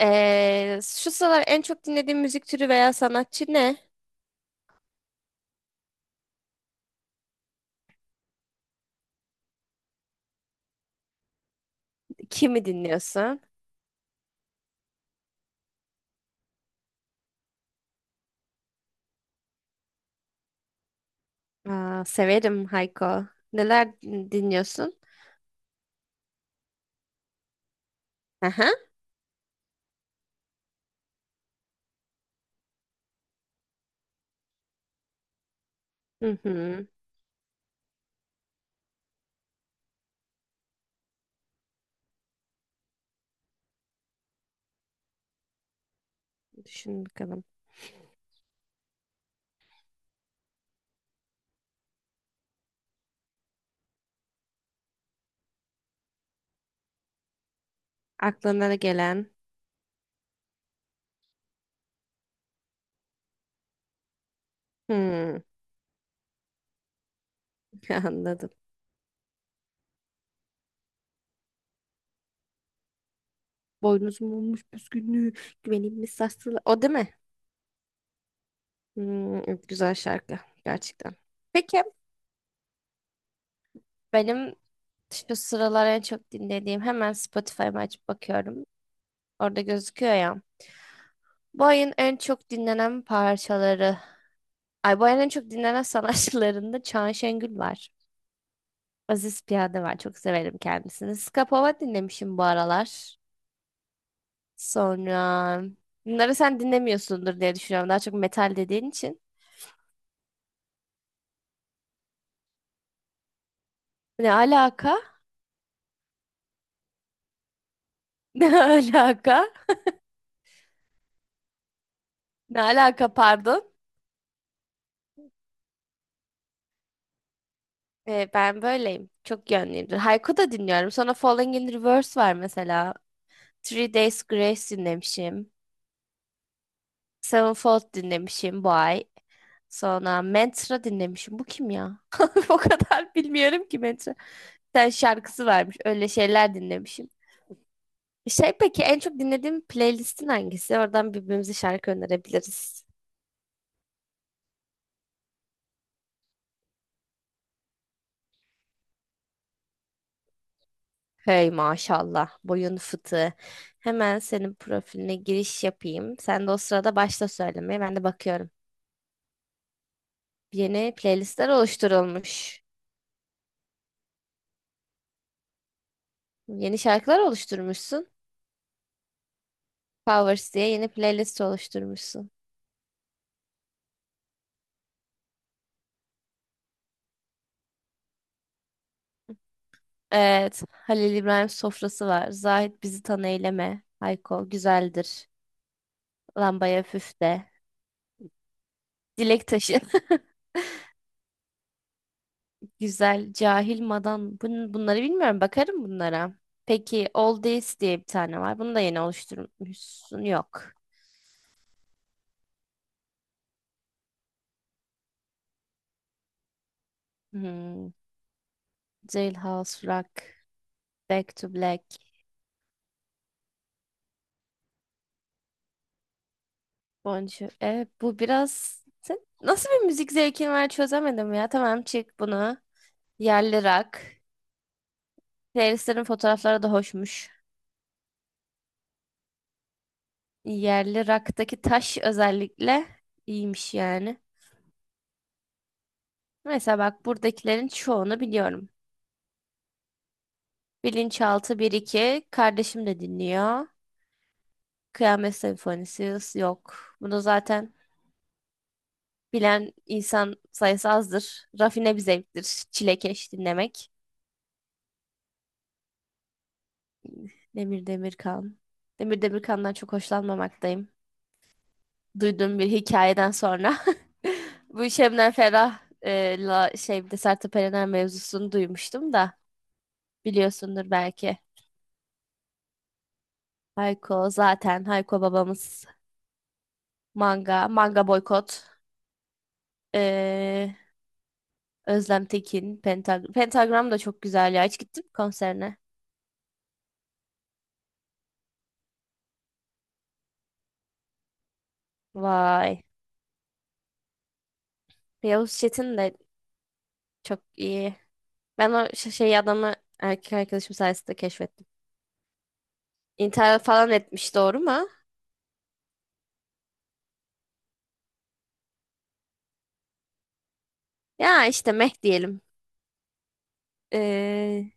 Şu sıralar en çok dinlediğin müzik türü veya sanatçı ne? Kimi dinliyorsun? Aa, severim Hayko. Neler dinliyorsun? Aha. Hı hı. Düşün bakalım. Aklına gelen. Hı, anladım. Boynuzum olmuş püskünlüğü, güvenilmiş sarsılı. O değil mi? Hı, güzel şarkı gerçekten. Peki benim şu sıralar en çok dinlediğim hemen Spotify'ımı açıp bakıyorum. Orada gözüküyor ya. Bu ayın en çok dinlenen parçaları. Alboya'nın en çok dinlenen sanatçılarında Çağan Şengül var. Aziz Piyade var. Çok severim kendisini. Skapova dinlemişim bu aralar. Sonra bunları sen dinlemiyorsundur diye düşünüyorum. Daha çok metal dediğin için. Ne alaka? Ne alaka? Ne alaka pardon. Ben böyleyim. Çok yönlüyümdür. Haiku da dinliyorum. Sonra Falling in Reverse var mesela. Three Days Grace dinlemişim. Sevenfold dinlemişim bu ay. Sonra Mantra dinlemişim. Bu kim ya? O kadar bilmiyorum ki Mantra. Sen şarkısı varmış. Öyle şeyler dinlemişim. Şey peki en çok dinlediğim playlistin hangisi? Oradan birbirimize şarkı önerebiliriz. Hey maşallah boyun fıtığı. Hemen senin profiline giriş yapayım. Sen de o sırada başla söylemeye. Ben de bakıyorum. Yeni playlistler oluşturulmuş. Yeni şarkılar oluşturmuşsun. Powers diye yeni playlist oluşturmuşsun. Evet. Halil İbrahim sofrası var. Zahit bizi tan eyleme. Hayko güzeldir. Lambaya püf de. Dilek taşı. Güzel. Cahil madan. Bunları bilmiyorum. Bakarım bunlara. Peki Oldies diye bir tane var. Bunu da yeni oluşturmuşsun. Yok. Hmm. Jailhouse Rock. Back to Black. Bonjour. Evet bu biraz... Sen nasıl bir müzik zevkin var çözemedim ya. Tamam çık bunu. Yerli rock. Playlistlerin fotoğrafları da hoşmuş. Yerli raktaki taş özellikle iyiymiş yani. Mesela bak buradakilerin çoğunu biliyorum. Bilinçaltı bir iki kardeşim de dinliyor. Kıyamet Senfonisi yok. Bunu zaten bilen insan sayısı azdır. Rafine bir zevktir. Çilekeş dinlemek. Demir Demirkan. Demir Demirkan'dan çok hoşlanmamaktayım. Duyduğum bir hikayeden sonra. Bu Şebnem Ferah şey bir de Sertab Erener mevzusunu duymuştum da. Biliyorsundur belki. Hayko zaten Hayko babamız manga, manga boykot. Ee, Özlem Tekin, Pentagram da çok güzel ya. Hiç gittin mi konserine? Vay. Yavuz Çetin de çok iyi. Ben şey adamı erkek arkadaşım sayesinde keşfettim. İnternet falan etmiş doğru mu? Ya işte meh diyelim. Ee,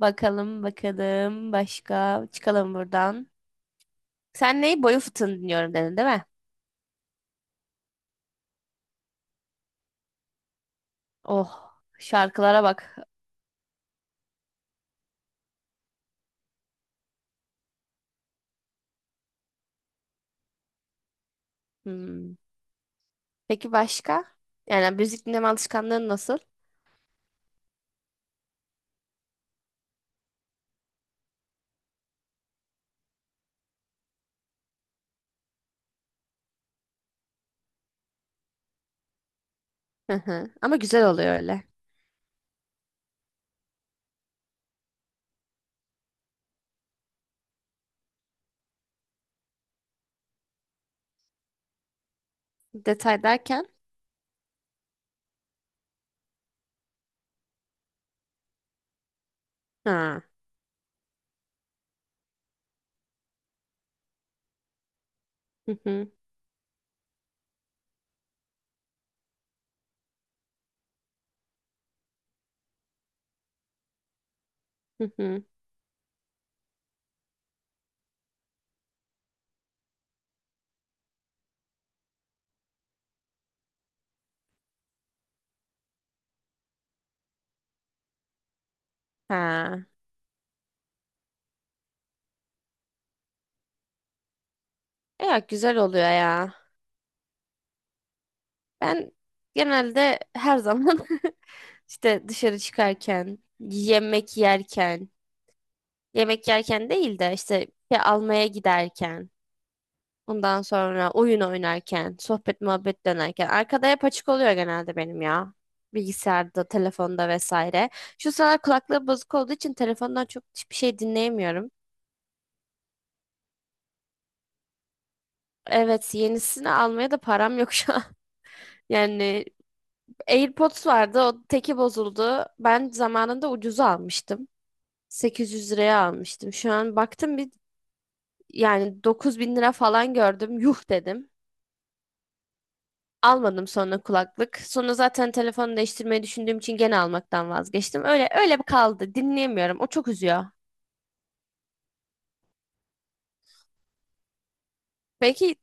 Bakalım bakalım başka çıkalım buradan. Sen neyi boyu fıtığını dinliyorum dedin değil mi? Oh şarkılara bak. Hmm. Peki başka? Yani müzik dinleme alışkanlığın nasıl? Hı hı. Ama güzel oluyor öyle. Detay derken. Ha. Hı hı. Hı hı. Ha. E ya güzel oluyor ya. Ben genelde her zaman işte dışarı çıkarken, yemek yerken, yemek yerken değil de işte bir şey almaya giderken. Ondan sonra oyun oynarken, sohbet muhabbet dönerken arkada hep açık oluyor genelde benim ya. Bilgisayarda, telefonda vesaire. Şu sıralar kulaklığı bozuk olduğu için telefondan çok hiçbir şey dinleyemiyorum. Evet, yenisini almaya da param yok şu an. Yani AirPods vardı, o teki bozuldu. Ben zamanında ucuza almıştım. 800 liraya almıştım. Şu an baktım bir yani 9.000 lira falan gördüm. Yuh dedim. Almadım sonra kulaklık. Sonra zaten telefonu değiştirmeyi düşündüğüm için gene almaktan vazgeçtim. Öyle öyle bir kaldı. Dinleyemiyorum. O çok üzüyor. Peki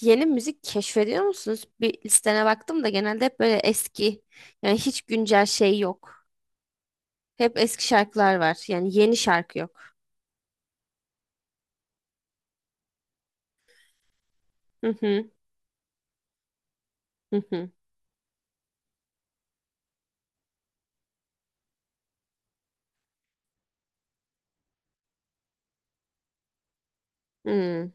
yeni müzik keşfediyor musunuz? Bir listene baktım da genelde hep böyle eski. Yani hiç güncel şey yok. Hep eski şarkılar var. Yani yeni şarkı yok. Hı hı hı hı. Hı.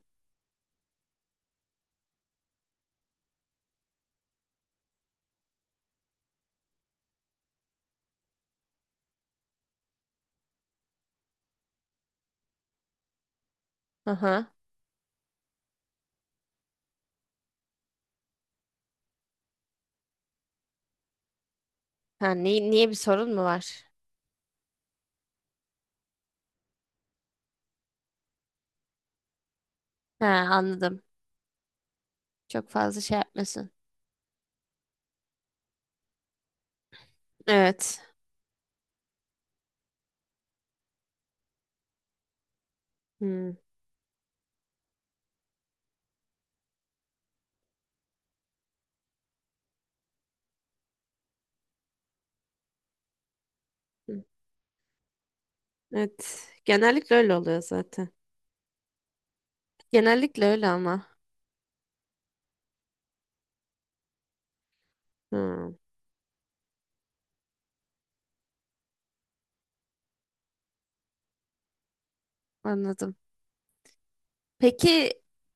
Aha. Ha, niye bir sorun mu var? Ha, anladım. Çok fazla şey yapmasın. Evet. Hmm. Evet. Genellikle öyle oluyor zaten. Genellikle öyle ama. Hmm, anladım. Peki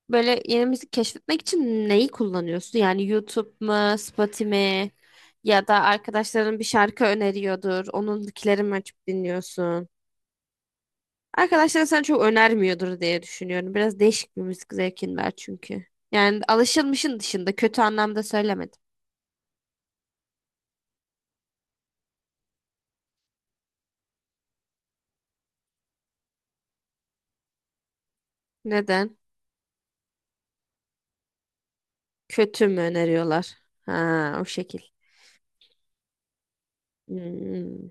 böyle yeni müzik keşfetmek için neyi kullanıyorsun? Yani YouTube mu, Spotify mi? Ya da arkadaşların bir şarkı öneriyordur. Onunkileri mi açıp dinliyorsun? Arkadaşların sana çok önermiyordur diye düşünüyorum. Biraz değişik bir müzik zevkin var çünkü. Yani alışılmışın dışında kötü anlamda söylemedim. Neden? Kötü mü öneriyorlar? Ha, o şekil. Hmm.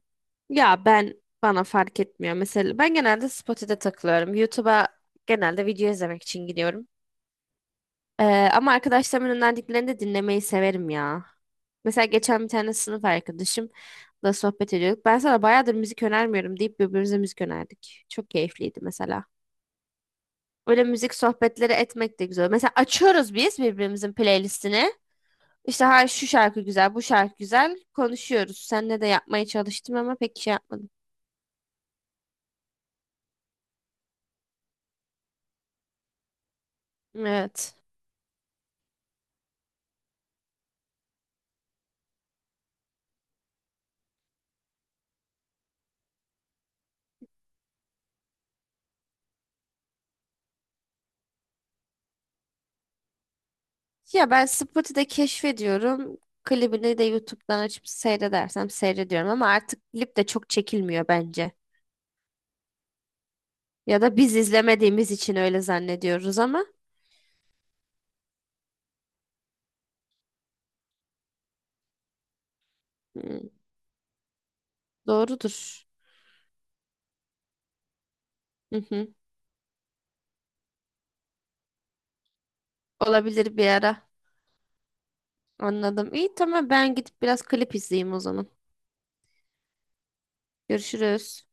Ya ben bana fark etmiyor. Mesela ben genelde Spotify'da takılıyorum. YouTube'a genelde video izlemek için gidiyorum. Ee, Ama arkadaşlarımın önerdiklerini de dinlemeyi severim ya. Mesela geçen bir tane sınıf arkadaşımla sohbet ediyorduk. Ben sana bayağıdır müzik önermiyorum deyip birbirimize müzik önerdik. Çok keyifliydi mesela. Öyle müzik sohbetleri etmek de güzel. Mesela açıyoruz biz birbirimizin playlistini. İşte ha şu şarkı güzel, bu şarkı güzel konuşuyoruz. Seninle de yapmaya çalıştım ama pek şey yapmadım. Evet. Ya ben Spotify'da keşfediyorum. Klibini de YouTube'dan açıp seyredersem seyrediyorum ama artık klip de çok çekilmiyor bence. Ya da biz izlemediğimiz için öyle zannediyoruz ama hmm, doğrudur. Hı hı. Olabilir bir ara. Anladım. İyi tamam ben gidip biraz klip izleyeyim o zaman. Görüşürüz.